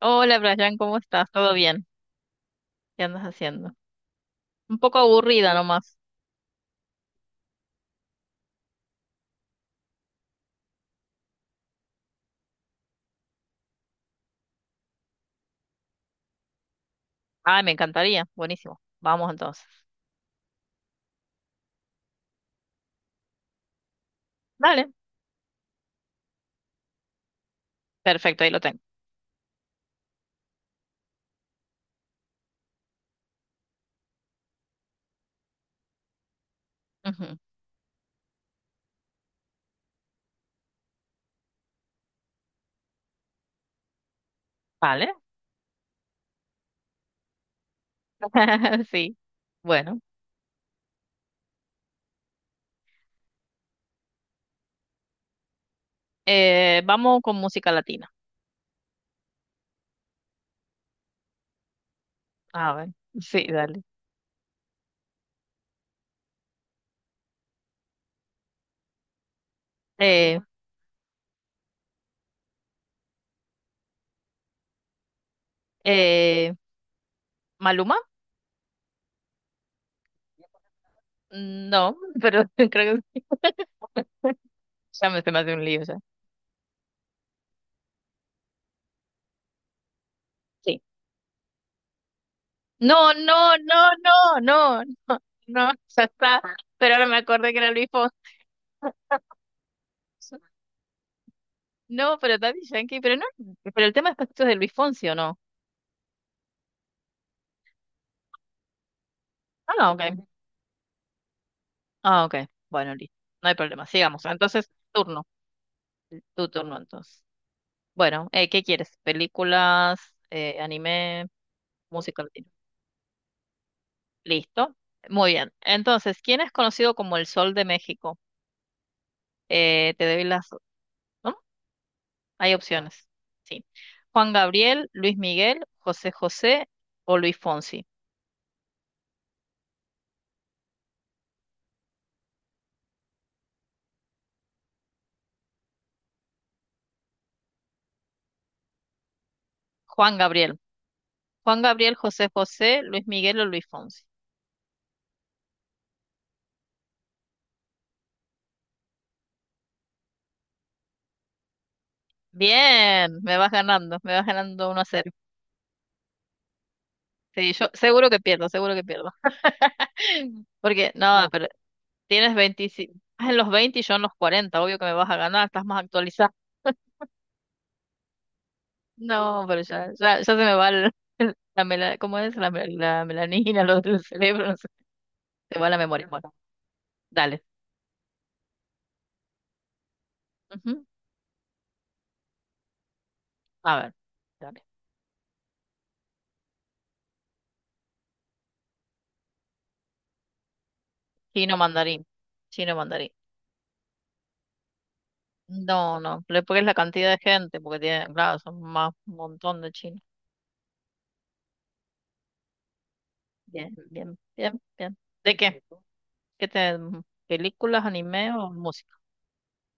Hola, Brian, ¿cómo estás? ¿Todo bien? ¿Qué andas haciendo? Un poco aburrida nomás. Ah, me encantaría. Buenísimo. Vamos entonces. Vale. Perfecto, ahí lo tengo. Ujú. Vale. Sí. Bueno, vamos con música latina. A ver. Sí, dale. Eh, eh, ¿Maluma? Mm, no, pero creo que ya me se me hace un lío ya. Sí. No, no, no, no, no, no, no, ya está. Pero ahora me acordé que era Luis Fonsi. No, pero Daddy Yankee, pero no, pero el tema es Pastitos de Luis Fonsi, ¿o no? Ah, ok. Ah, ok. Bueno, listo. No hay problema. Sigamos. Entonces, turno. Tu turno, entonces. Bueno, ¿qué quieres? ¿Películas, anime, música latina? Listo. Muy bien. Entonces, ¿quién es conocido como el Sol de México? Te doy las... ¿No? Hay opciones. Sí. Juan Gabriel, Luis Miguel, José José o Luis Fonsi. Juan Gabriel. Juan Gabriel, José José, Luis Miguel o Luis Fonsi. Bien, me vas ganando uno a cero. Sí, yo seguro que pierdo. Porque, no, pero tienes 25, estás en los 20 y yo en los 40. Obvio que me vas a ganar, estás más actualizado. No, pero ya se me va ¿cómo es? La melanina, lo del cerebro, no sé, se va la memoria. Bueno, dale. Ujú, a ver, dale. Chino mandarín, chino mandarín. No, no, pero es porque es la cantidad de gente, porque tiene, claro, son más un montón de chinos. Bien, bien, bien, bien. ¿De qué? ¿Qué te, ¿películas, anime o música?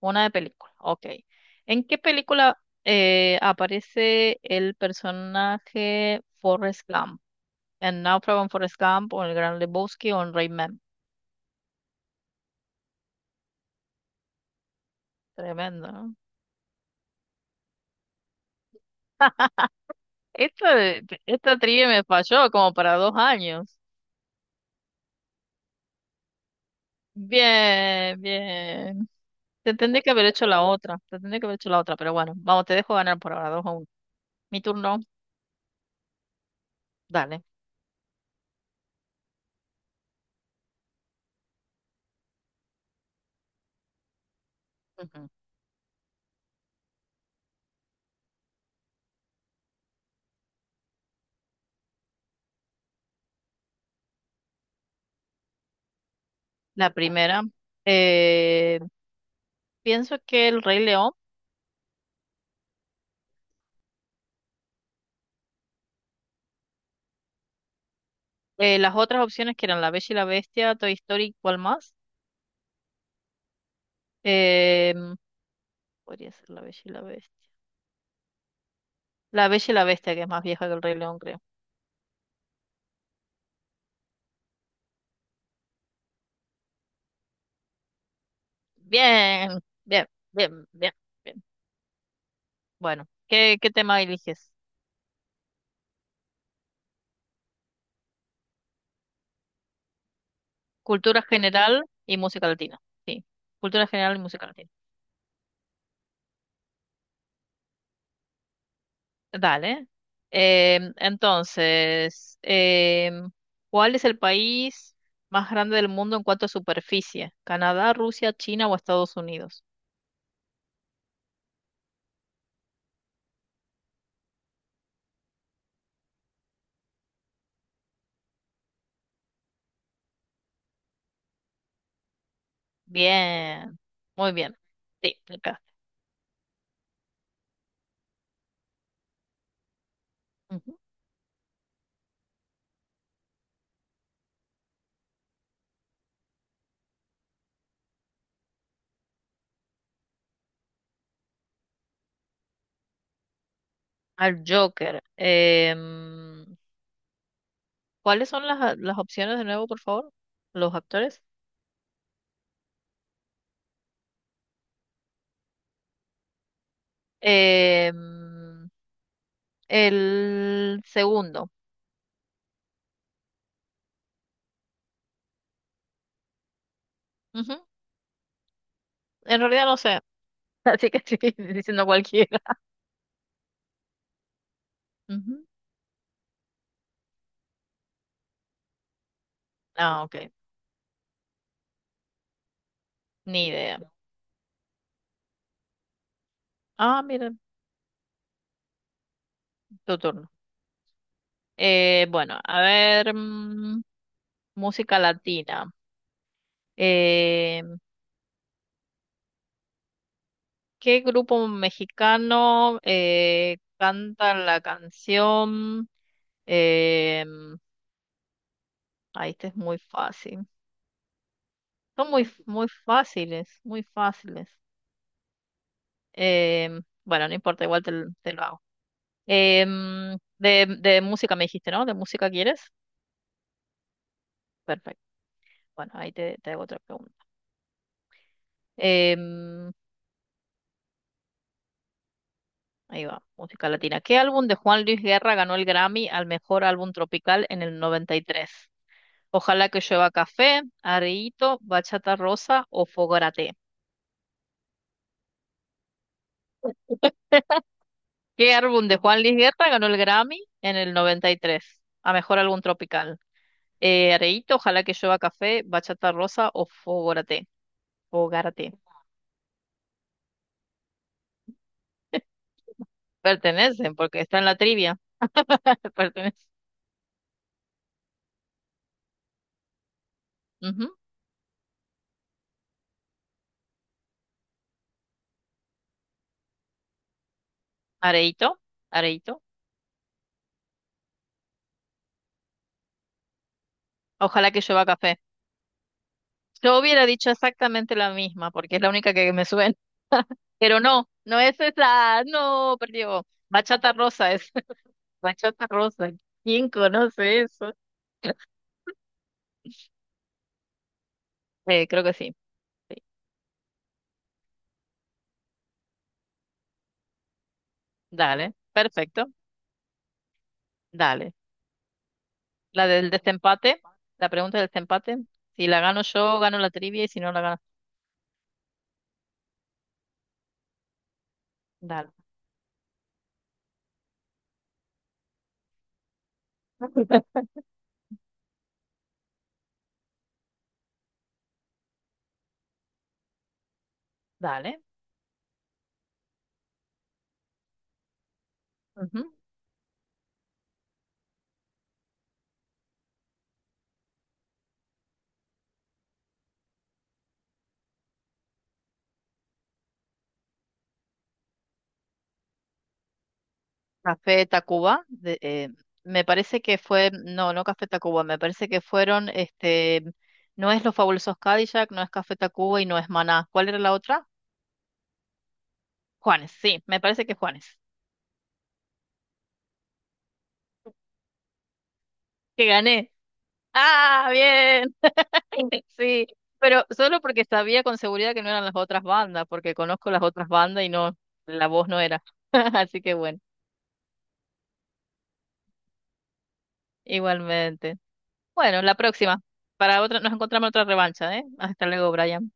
Una de película, ok. ¿En qué película aparece el personaje Forrest Gump? ¿En Náufrago en Forrest Gump o en El Gran Lebowski o en Rayman? Tremendo, ¿no? Ah, esta trivia me falló como para dos años. Bien, bien. Te tendría que haber hecho la otra, te tendría que haber hecho la otra, pero bueno, vamos, te dejo ganar por ahora, dos a uno. Mi turno, dale. Ujú. La primera, eh, pienso que El Rey León, las otras opciones que eran La Bella y la Bestia, Toy Story, ¿cuál más? Eh, podría ser La Bella y la Bestia. La Bella y la Bestia, que es más vieja que El Rey León, creo. Bien, bien, bien, bien, bien. Bueno, ¿qué tema eliges? Cultura general y música latina. Sí, cultura general y música latina. Dale. Entonces, ¿cuál es el país más grande del mundo en cuanto a superficie? ¿Canadá, Rusia, China o Estados Unidos? Bien, muy bien. Sí, acá. Ujú. Al Joker. Em, las opciones de nuevo, por favor? Los actores. Em, el segundo. Ujú. En realidad no sé, así que estoy diciendo cualquiera. Ujú. Ah, ok. Ni idea. Ah, mira, tu turno. Bueno, a ver, mm, música latina. Eh, ¿Qué grupo mexicano canta la canción? Eh, ahí este es muy fácil. Son muy fáciles. Eh, bueno, no importa, te lo hago. Mm, de música me dijiste, ¿no? ¿De música quieres? Perfecto. Bueno, te hago otra pregunta. Eh, Ahí va, música latina. ¿Qué álbum de Juan Luis Guerra ganó el Grammy al mejor álbum tropical en el 93? Ojalá que llueva café, Arreíto, Bachata Rosa o Fogarate. ¿Qué álbum de Juan Luis Guerra ganó el Grammy en el 93 a mejor álbum tropical? Areíto, Ojalá que llueva café, Bachata Rosa o Fogarate. Fogarate. Pertenecen, porque está en la trivia. Pertenecen. Ujú. Areíto, Areíto. Ojalá que llueva café. Yo hubiera dicho exactamente la misma, porque es la única que me suena. Pero no, no es esa, no, perdió. Bachata rosa es, bachata rosa. ¿Quién conoce eso? Creo que sí. Sí. Dale, perfecto, dale. La del desempate, la pregunta del desempate. Si la gano yo, gano la trivia y si no la gano, dale. Dale. Ujú. Café Tacuba, de- eh, me parece que fue, no, no Café Tacuba, me parece que fueron, este, no es Los Fabulosos Cadillac, no es Café Tacuba y no es Maná. ¿Cuál era la otra? Juanes, sí, me parece que Juanes. Que gané. Ah, bien. Sí, pero solo porque sabía con seguridad que no eran las otras bandas, porque conozco las otras bandas y no, la voz no era. Así que bueno, igualmente. Bueno, la próxima. Para otra, nos encontramos en otra revancha, ¿eh? Hasta luego, Brian.